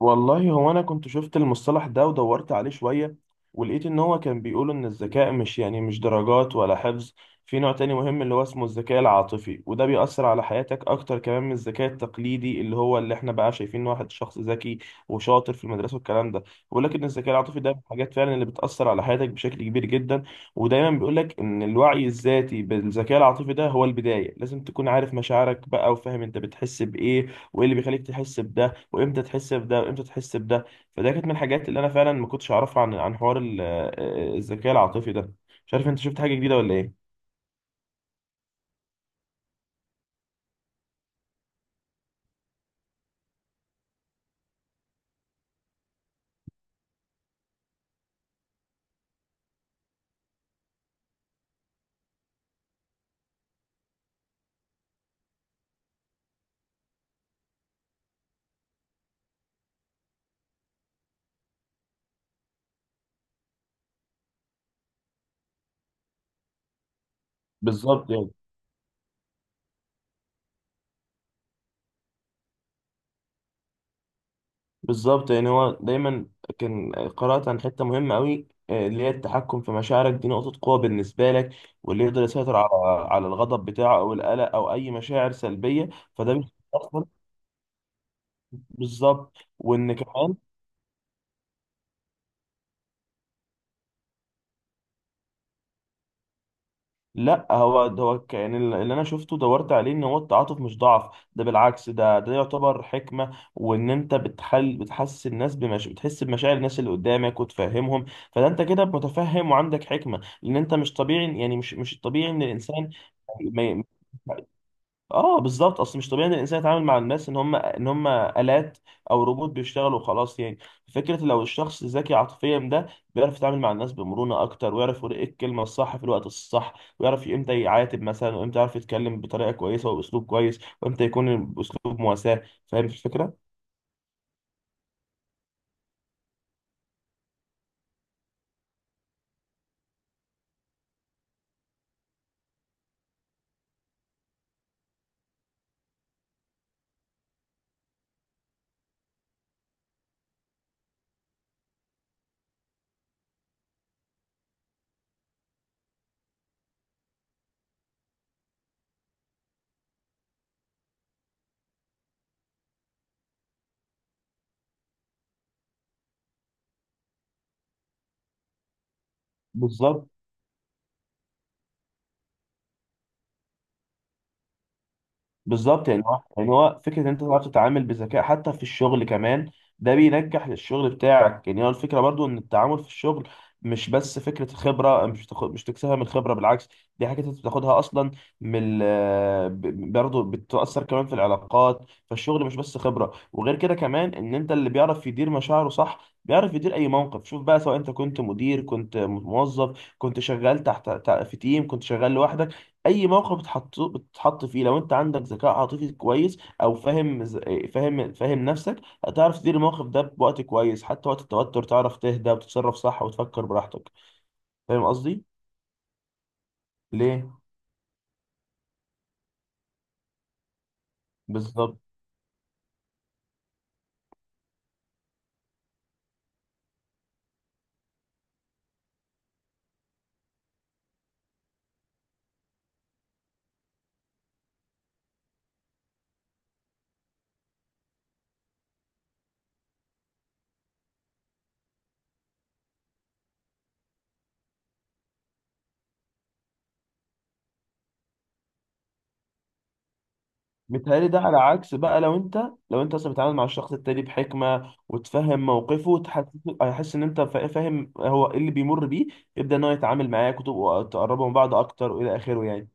والله هو انا كنت شفت المصطلح ده ودورت عليه شوية، ولقيت ان هو كان بيقول ان الذكاء مش يعني مش درجات ولا حفظ. في نوع تاني مهم اللي هو اسمه الذكاء العاطفي، وده بيأثر على حياتك اكتر كمان من الذكاء التقليدي اللي هو اللي احنا بقى شايفين إن واحد شخص ذكي وشاطر في المدرسة والكلام ده. ولكن الذكاء العاطفي ده من الحاجات فعلا اللي بتأثر على حياتك بشكل كبير جدا. ودايما بيقول لك ان الوعي الذاتي بالذكاء العاطفي ده هو البداية، لازم تكون عارف مشاعرك بقى وفاهم انت بتحس بايه، وايه اللي بيخليك تحس بده، وامتى تحس بده وامتى تحس بده. فده كانت من الحاجات اللي انا فعلا ما كنتش اعرفها عن حوار الذكاء العاطفي ده. مش عارف انت شفت حاجه جديده ولا ايه. بالظبط يعني. بالظبط يعني هو دايما كان قرات عن حته مهمه قوي، اللي هي التحكم في مشاعرك، دي نقطه قوه بالنسبه لك. واللي يقدر يسيطر على الغضب بتاعه او القلق او اي مشاعر سلبيه، فده بيخليه اصلا. بالظبط، وان كمان. لا، هو ده هو يعني اللي انا شفته دورت عليه ان هو التعاطف مش ضعف، ده بالعكس، ده يعتبر حكمه، وان انت بتحل بتحسس الناس بمش... بتحس بمشاعر الناس اللي قدامك وتفهمهم. فده انت كده متفهم وعندك حكمه، لان انت مش طبيعي يعني، مش الطبيعي ان الانسان... ما ي- اه بالظبط. اصل مش طبيعي ان الانسان يتعامل مع الناس ان هم الات او روبوت بيشتغلوا وخلاص يعني. فكره لو الشخص ذكي عاطفيا ده بيعرف يتعامل مع الناس بمرونه اكتر، ويعرف يقول ايه الكلمه الصح في الوقت الصح، ويعرف امتى يعاتب مثلا، وامتى يعرف يتكلم بطريقه كويسه وباسلوب كويس، وامتى يكون باسلوب مواساه. فاهم الفكره. بالظبط. بالظبط يعني هو يعني هو فكره ان انت تعرف تتعامل بذكاء حتى في الشغل كمان. ده بينجح الشغل بتاعك. يعني هو الفكره برضو ان التعامل في الشغل مش بس فكره خبره، مش تاخد مش تكسبها من الخبره، بالعكس، دي حاجه انت بتاخدها اصلا من برضو بتاثر كمان في العلاقات. فالشغل مش بس خبره. وغير كده كمان ان انت اللي بيعرف يدير مشاعره صح بيعرف يدير اي موقف، شوف بقى، سواء انت كنت مدير، كنت موظف، كنت شغال في تيم، كنت شغال لوحدك، اي موقف بتتحط فيه، لو انت عندك ذكاء عاطفي كويس او فاهم فاهم نفسك، هتعرف تدير الموقف ده بوقت كويس. حتى وقت التوتر تعرف تهدى وتتصرف صح وتفكر براحتك. فاهم قصدي. ليه؟ بالظبط. متهيألي ده على عكس بقى لو انت، لو انت اصلا بتتعامل مع الشخص التاني بحكمة وتفهم موقفه وتحس، هيحس ان انت فاهم هو ايه اللي بيمر بيه، يبدأ ان هو يتعامل معاك وتبقوا تقربوا من بعض اكتر والى اخره يعني.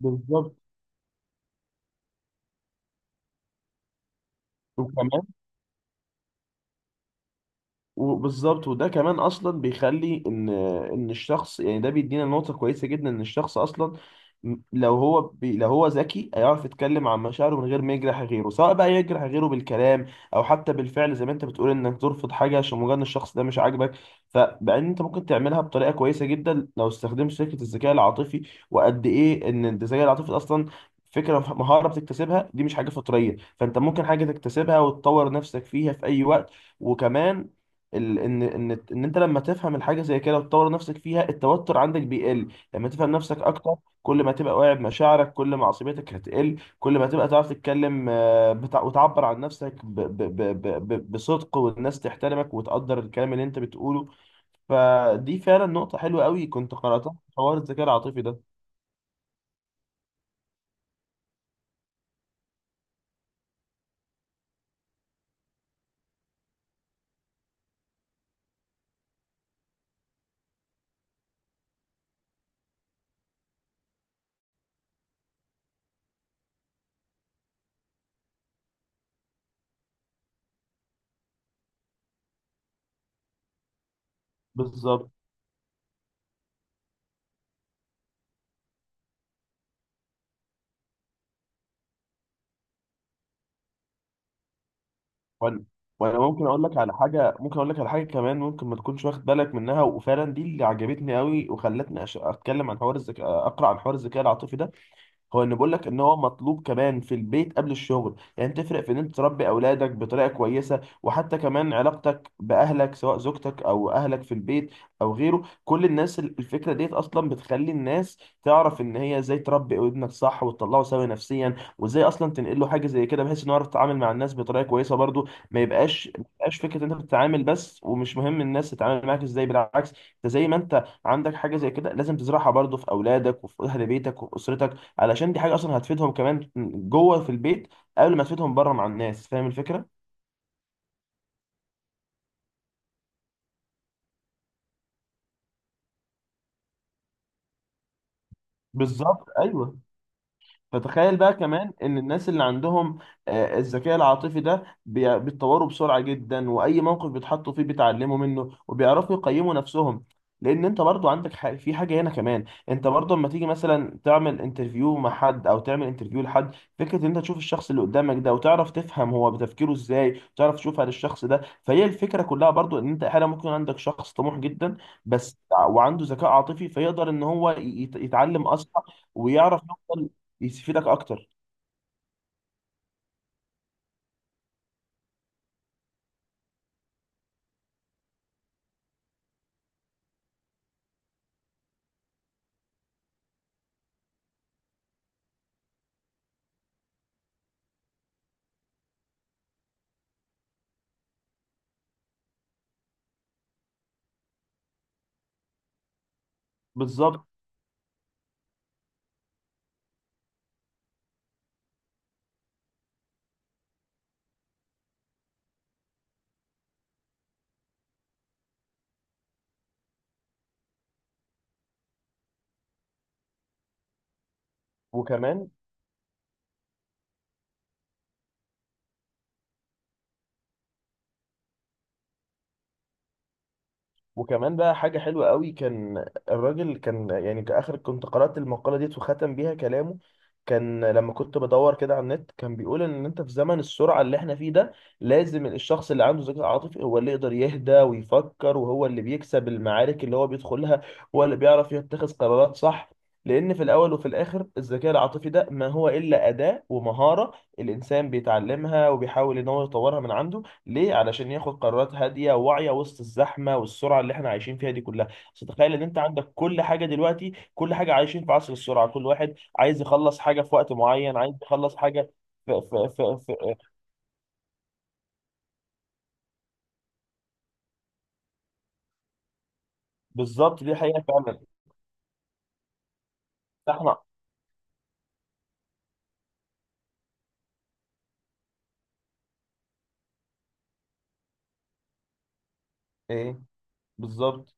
بالظبط. وكمان. وبالظبط. وده كمان اصلا بيخلي ان ان الشخص يعني ده بيدينا نقطة كويسة جدا. ان الشخص اصلا، لو هو ذكي هيعرف يتكلم عن مشاعره من غير ما يجرح غيره، سواء بقى يجرح غيره بالكلام او حتى بالفعل، زي ما انت بتقول انك ترفض حاجة عشان مجرد إن الشخص ده مش عاجبك. فبعدين انت ممكن تعملها بطريقة كويسة جدا لو استخدمت فكرة الذكاء العاطفي. وقد ايه ان الذكاء العاطفي ده اصلا فكرة مهارة بتكتسبها، دي مش حاجة فطرية، فانت ممكن حاجة تكتسبها وتطور نفسك فيها في اي وقت. وكمان ان انت لما تفهم الحاجه زي كده وتطور نفسك فيها، التوتر عندك بيقل. لما تفهم نفسك اكتر، كل ما تبقى واعي بمشاعرك كل ما عصبيتك هتقل، كل ما تبقى تعرف تتكلم، وتعبر عن نفسك ب ب بصدق والناس تحترمك وتقدر الكلام اللي انت بتقوله. فدي فعلا نقطه حلوه قوي كنت قراتها في حوار الذكاء العاطفي ده. بالظبط. وانا وانا ممكن اقول لك على حاجه، ممكن اقول لك على حاجه كمان ممكن ما تكونش واخد بالك منها، وفعلا دي اللي عجبتني قوي وخلتني اتكلم عن حوار الذكاء، اقرا عن حوار الذكاء العاطفي ده. هو ان بقول لك ان هو مطلوب كمان في البيت قبل الشغل. يعني تفرق في ان انت تربي اولادك بطريقه كويسه، وحتى كمان علاقتك باهلك سواء زوجتك او اهلك في البيت او غيره، كل الناس. الفكره ديت اصلا بتخلي الناس تعرف ان هي ازاي تربي ابنك صح وتطلعه سوي نفسيا، وازاي اصلا تنقل له حاجه زي كده بحيث انه يعرف يتعامل مع الناس بطريقه كويسه برضو. ما يبقاش فكره انت بتتعامل بس ومش مهم الناس تتعامل معاك ازاي، بالعكس. انت زي ما انت عندك حاجه زي كده لازم تزرعها برضو في اولادك وفي اهل بيتك وفي اسرتك، علشان دي حاجه اصلا هتفيدهم كمان جوه في البيت قبل ما تفيدهم بره مع الناس. فاهم الفكره. بالظبط ايوه. فتخيل بقى كمان ان الناس اللي عندهم الذكاء العاطفي ده بيتطوروا بسرعه جدا، واي موقف بيتحطوا فيه بيتعلموا منه وبيعرفوا يقيموا نفسهم. لان انت برضو عندك في حاجه هنا كمان، انت برضو لما تيجي مثلا تعمل انترفيو مع حد او تعمل انترفيو لحد، فكره ان انت تشوف الشخص اللي قدامك ده وتعرف تفهم هو بتفكيره ازاي، تعرف تشوف هذا الشخص ده. فهي الفكره كلها برضو ان انت احيانا ممكن عندك شخص طموح جدا بس، وعنده ذكاء عاطفي، فيقدر ان هو يتعلم اسرع ويعرف يفيدك اكتر. بالظبط. وكمان. وكمان بقى حاجه حلوه قوي كان الراجل كان يعني كاخر كنت قرات المقاله ديت وختم بيها كلامه. كان لما كنت بدور كده على النت كان بيقول ان انت في زمن السرعه اللي احنا فيه ده، لازم الشخص اللي عنده ذكاء عاطفي هو اللي يقدر يهدى ويفكر، وهو اللي بيكسب المعارك اللي هو بيدخلها، هو اللي بيعرف يتخذ قرارات صح. لان في الاول وفي الاخر الذكاء العاطفي ده ما هو الا اداه ومهاره الانسان بيتعلمها وبيحاول ان هو يطورها من عنده. ليه؟ علشان ياخد قرارات هادية واعية وسط الزحمة والسرعة اللي احنا عايشين فيها دي كلها. بس تخيل ان انت عندك كل حاجة دلوقتي، كل حاجة عايشين في عصر السرعة، كل واحد عايز يخلص حاجة في وقت معين، عايز يخلص حاجة في بالظبط، دي حقيقة فعلا. احنا ايه؟ بالظبط.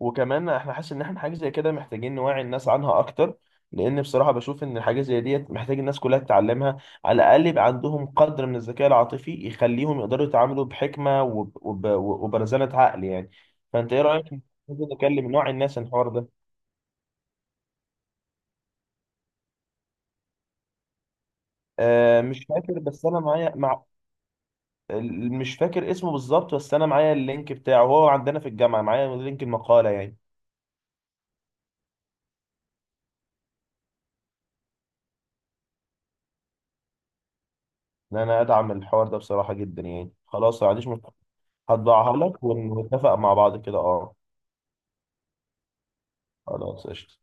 وكمان احنا حاسس ان احنا حاجه زي كده محتاجين نوعي الناس عنها اكتر، لان بصراحه بشوف ان الحاجه زي ديت محتاج الناس كلها تتعلمها، على الاقل يبقى عندهم قدر من الذكاء العاطفي يخليهم يقدروا يتعاملوا بحكمه وبرزانه عقل يعني. فانت ايه رايك، ممكن نكلم نوع الناس عن الحوار ده؟ آه، مش فاكر، بس انا معايا مع مش فاكر اسمه بالظبط، بس انا معايا اللينك بتاعه، هو عندنا في الجامعه معايا لينك المقاله يعني. ان انا ادعم الحوار ده بصراحه جدا يعني. خلاص، ما عنديش مشكله. هطبعها لك ونتفق مع بعض كده اه. خلاص، قشطة.